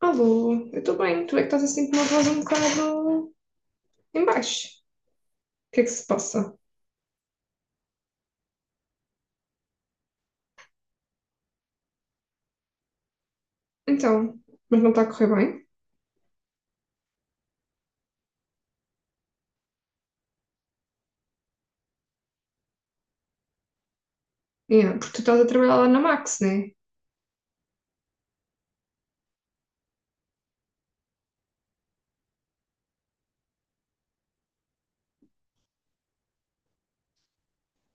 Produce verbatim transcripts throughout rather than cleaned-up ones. Alô, eu estou bem. Tu é que estás assim com uma voz um bocado em baixo. O que é que se passa? Então, mas não está a correr bem? Yeah, porque tu estás a trabalhar lá na Max, né?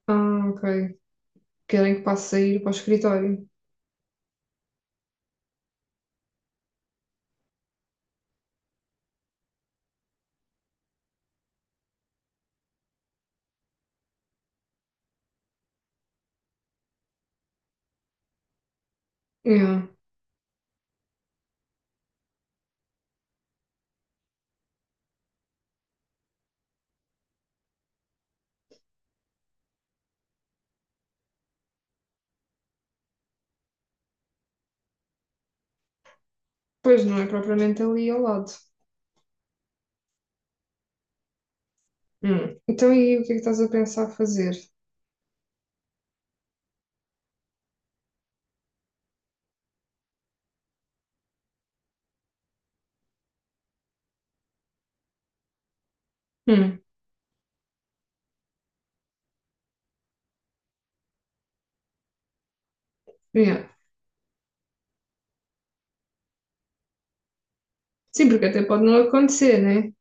Ah, ok. Querem que passe a ir para o escritório. Yeah. Pois não é propriamente ali ao lado. Hum. Então, e o que é que estás a pensar fazer? Hum. Yeah. Sim, porque até pode não acontecer, né?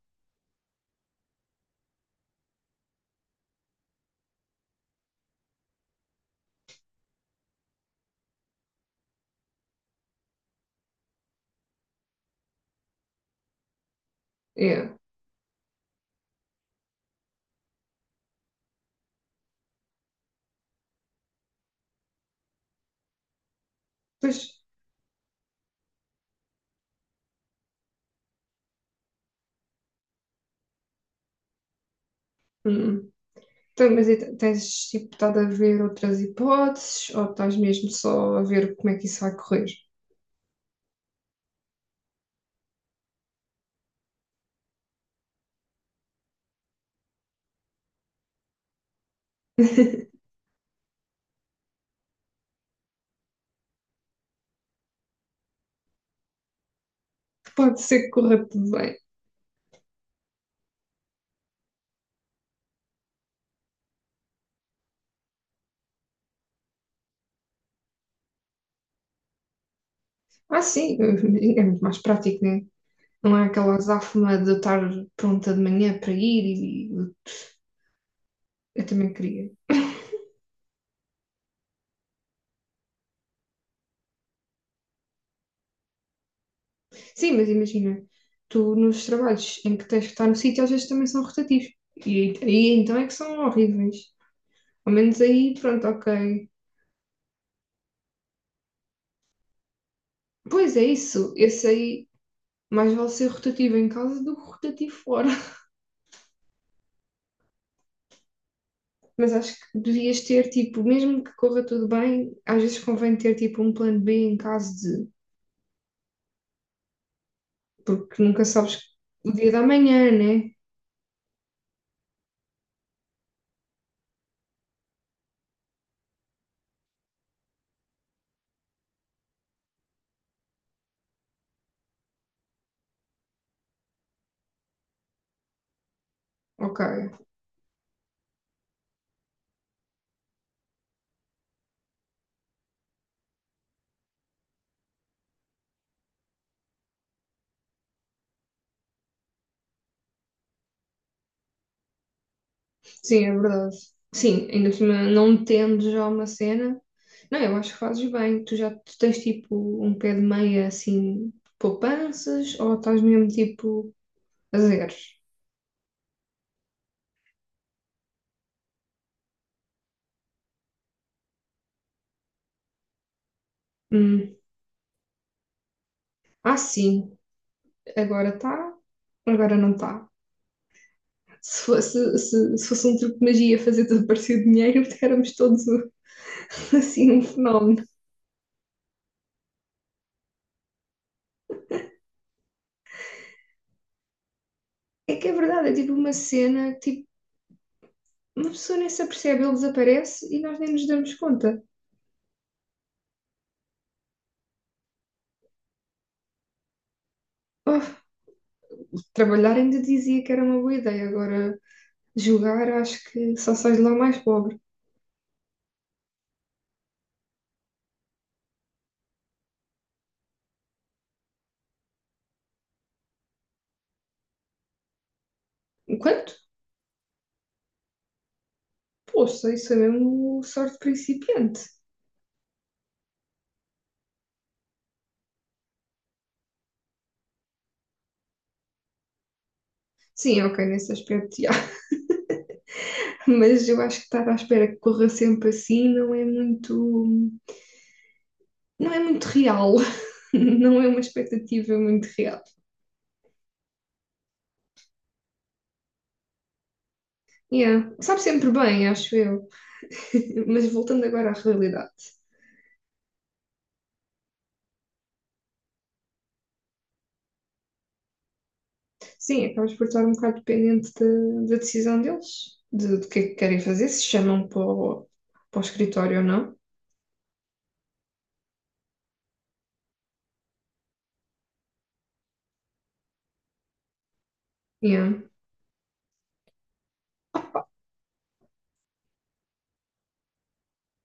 Yeah. Pois. Hum. Então, mas e t- tens tipo, estado a ver outras hipóteses ou estás mesmo só a ver como é que isso vai correr? Pode ser que corra tudo bem. Ah, sim, é muito mais prático, né? Não é aquela azáfama de eu estar pronta de manhã para ir e eu também queria. Sim, mas imagina, tu nos trabalhos em que tens que estar no sítio, às vezes também são rotativos. E aí então é que são horríveis. Ao menos aí, pronto, ok. Pois é isso, esse aí mais vale ser rotativo em casa do que rotativo fora. Mas acho que devias ter, tipo, mesmo que corra tudo bem, às vezes convém ter, tipo, um plano B em caso de porque nunca sabes o dia da manhã, né? Ok, sim, é verdade. Sim, ainda por cima, não tendo já uma cena. Não, eu acho que fazes bem. Tu já tu tens tipo um pé de meia assim, poupanças, ou estás mesmo tipo a zeros? Hum. Ah, sim, agora está, agora não está. Se fosse, se, se fosse um truque de magia fazer desaparecer dinheiro, éramos todos um- assim um fenómeno. É que é verdade, é tipo uma cena tipo, uma pessoa nem se apercebe, ele desaparece e nós nem nos damos conta. Oh, trabalhar ainda dizia que era uma boa ideia, agora jogar acho que só sai de lá mais pobre. Enquanto? Poxa, isso é mesmo sorte principiante. Sim, ok, nesse aspecto, já. Mas eu acho que estar à espera que corra sempre assim não é muito. Não é muito real, não é uma expectativa muito real. Yeah. Sabe sempre bem, acho eu. Mas voltando agora à realidade. Sim, acabas por estar um bocado dependente da, da decisão deles, de, do que é que querem fazer, se chamam para o, para o escritório ou não. Yeah.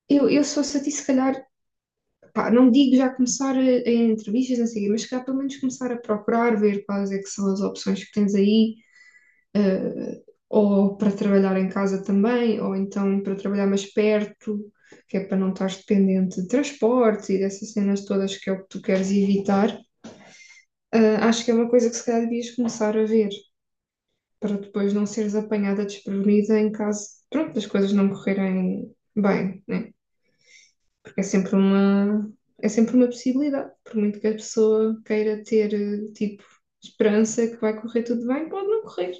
Eu, eu, se fosse a ti, se calhar, pá, não digo já começar a, a entrevistas, não sei o quê, mas se calhar pelo menos começar a procurar, ver quais é que são as opções que tens aí, eh, ou para trabalhar em casa também, ou então para trabalhar mais perto, que é para não estar dependente de transportes e dessas cenas todas que é o que tu queres evitar. Eh, acho que é uma coisa que se calhar devias começar a ver. Para depois não seres apanhada desprevenida em caso, pronto, das coisas não correrem bem, né? Porque é sempre uma, é sempre uma possibilidade, por muito que a pessoa queira ter, eh, tipo, esperança que vai correr tudo bem, pode não correr.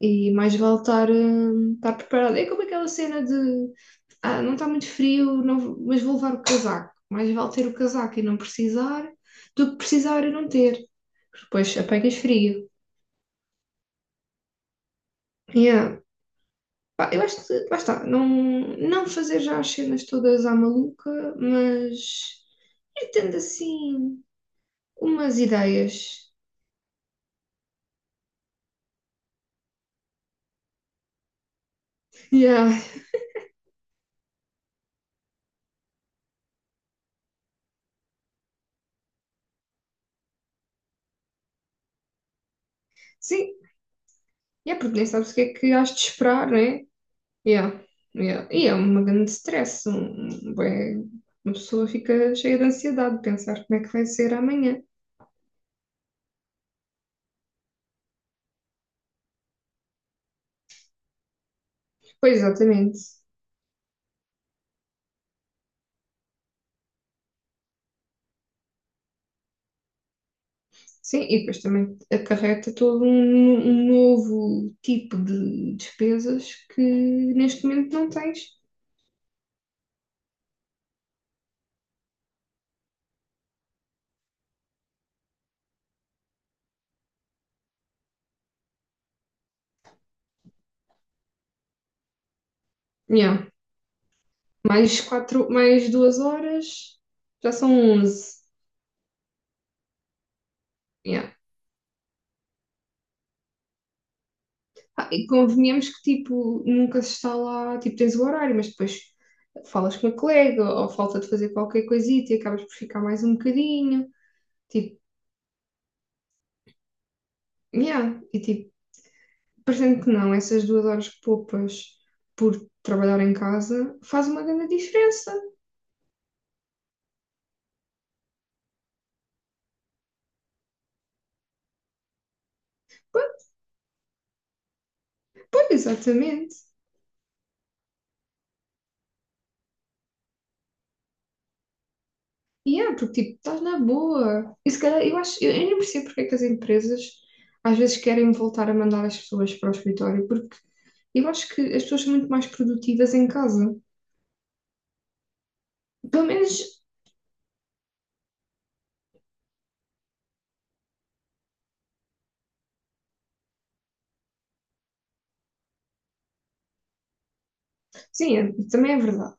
E mais vale estar, eh, estar preparada. É como aquela cena de, ah, não está muito frio, não, vou- mas vou levar o casaco. Mais vale ter o casaco e não precisar do que precisar e não ter. Depois apanhas frio. Yeah. Pá, eu acho que, lá está, não, não fazer já as cenas todas à maluca, mas ir tendo assim umas ideias. Yeah. Sim, yeah, porque nem sabes o que é que has de esperar, né? Yeah. Yeah. E é uma grande stress. Um, um, bué- uma pessoa fica cheia de ansiedade de pensar como é que vai ser amanhã. Pois, exatamente. Sim, e depois também acarreta todo um, um novo tipo de despesas que neste momento não tens. Yeah. Mais quatro, mais duas horas, já são onze. Yeah. Ah, e convenhamos que, tipo, nunca se está lá, tipo, tens o horário, mas depois falas com a colega ou falta de fazer qualquer coisita e acabas por ficar mais um bocadinho. Tipo, yeah. E, tipo, parecendo que não, essas duas horas que poupas por trabalhar em casa faz uma grande diferença. Pois, pois, exatamente. E é porque tipo, estás na boa. E se calhar, eu acho, eu, eu nem percebo porque é que as empresas às vezes querem voltar a mandar as pessoas para o escritório, porque eu acho que as pessoas são muito mais produtivas em casa. Pelo menos, sim, é- também é verdade.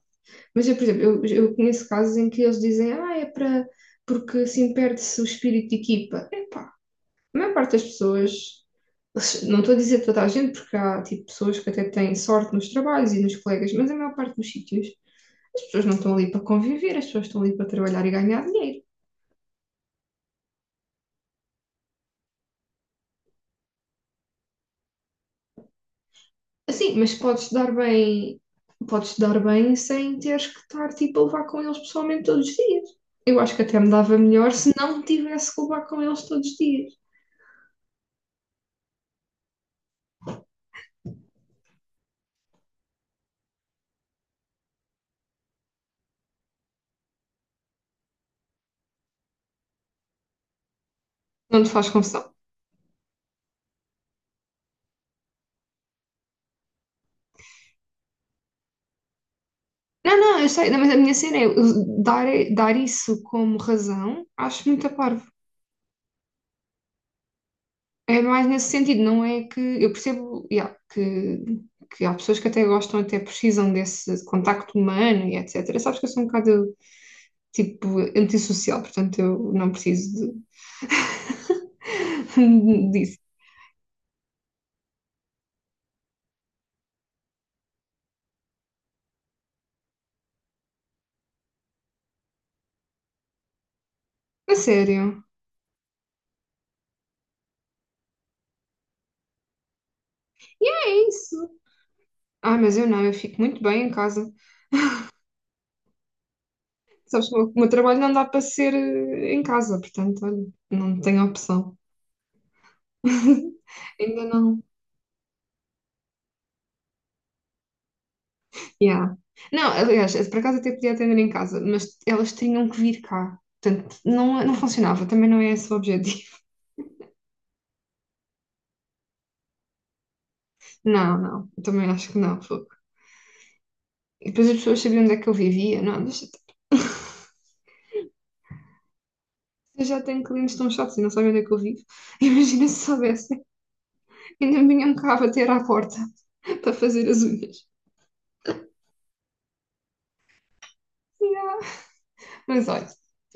Mas eu, por exemplo, eu, eu conheço casos em que eles dizem, ah, é para, porque assim perde-se o espírito de equipa. Epá, a maior parte das pessoas, não estou a dizer toda a gente, porque há tipo, pessoas que até têm sorte nos trabalhos e nos colegas, mas a maior parte dos sítios, as pessoas não estão ali para conviver, as pessoas estão ali para trabalhar e ganhar dinheiro. Assim, mas podes te dar bem, podes te dar bem sem teres que estar tipo, a levar com eles pessoalmente todos os dias. Eu acho que até me dava melhor se não tivesse que levar com eles todos os dias. Não te faz confusão. Não, não, eu sei, mas a minha cena é eu dar, dar isso como razão, acho muito a parvo. É mais nesse sentido, não é que eu percebo, yeah, que, que há pessoas que até gostam, até precisam desse contacto humano e etcétera. Sabes que eu sou um bocado tipo antissocial, portanto eu não preciso de- disso. A sério, é isso. Ah, mas eu não, eu fico muito bem em casa. Sabes que o meu trabalho não dá para ser eh, em casa, portanto, olha, não tenho opção. Ainda não. Yeah. Não, aliás, por acaso até podia atender em casa, mas elas tinham que vir cá. Portanto, não, não funcionava, também não é esse o objetivo. Não, não, eu também acho que não. Fogo. E depois as pessoas sabiam onde é que eu vivia. Não, deixa estar. Eu já tenho clientes tão chatos e não sabem onde é que eu vivo. Imagina se soubessem, ainda me vinham cá bater à porta para fazer as unhas. Yeah. Mas olha,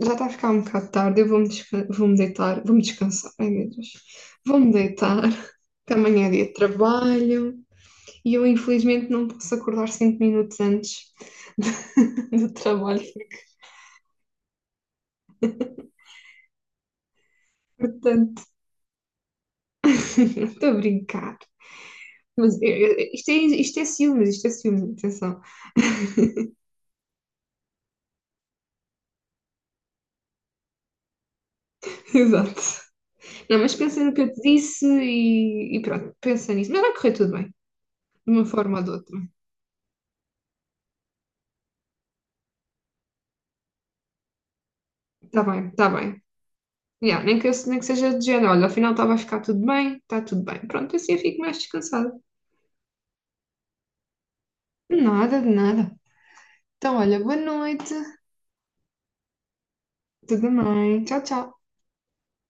já está a ficar um bocado tarde, eu vou-me desca- vou-me deitar, vou-me descansar. Ai meu Deus, vou-me deitar, que amanhã é dia de trabalho. E eu, infelizmente, não posso acordar cinco minutos antes do, trabalho. Portanto, estou a brincar. Mas eh, eh, isto é, isto é ciúmes, isto é ciúmes, atenção. Exato. Não, mas pensa no que eu te disse e, e pronto, pensa nisso. Mas vai correr tudo bem, de uma forma ou de outra. Está bem, está bem. Yeah, nem que, eu- nem que seja de género, olha, afinal está, vai ficar tudo bem, está tudo bem. Pronto, assim eu fico mais descansada. Nada, de nada. Então, olha, boa noite. Tudo bem. Tchau, tchau.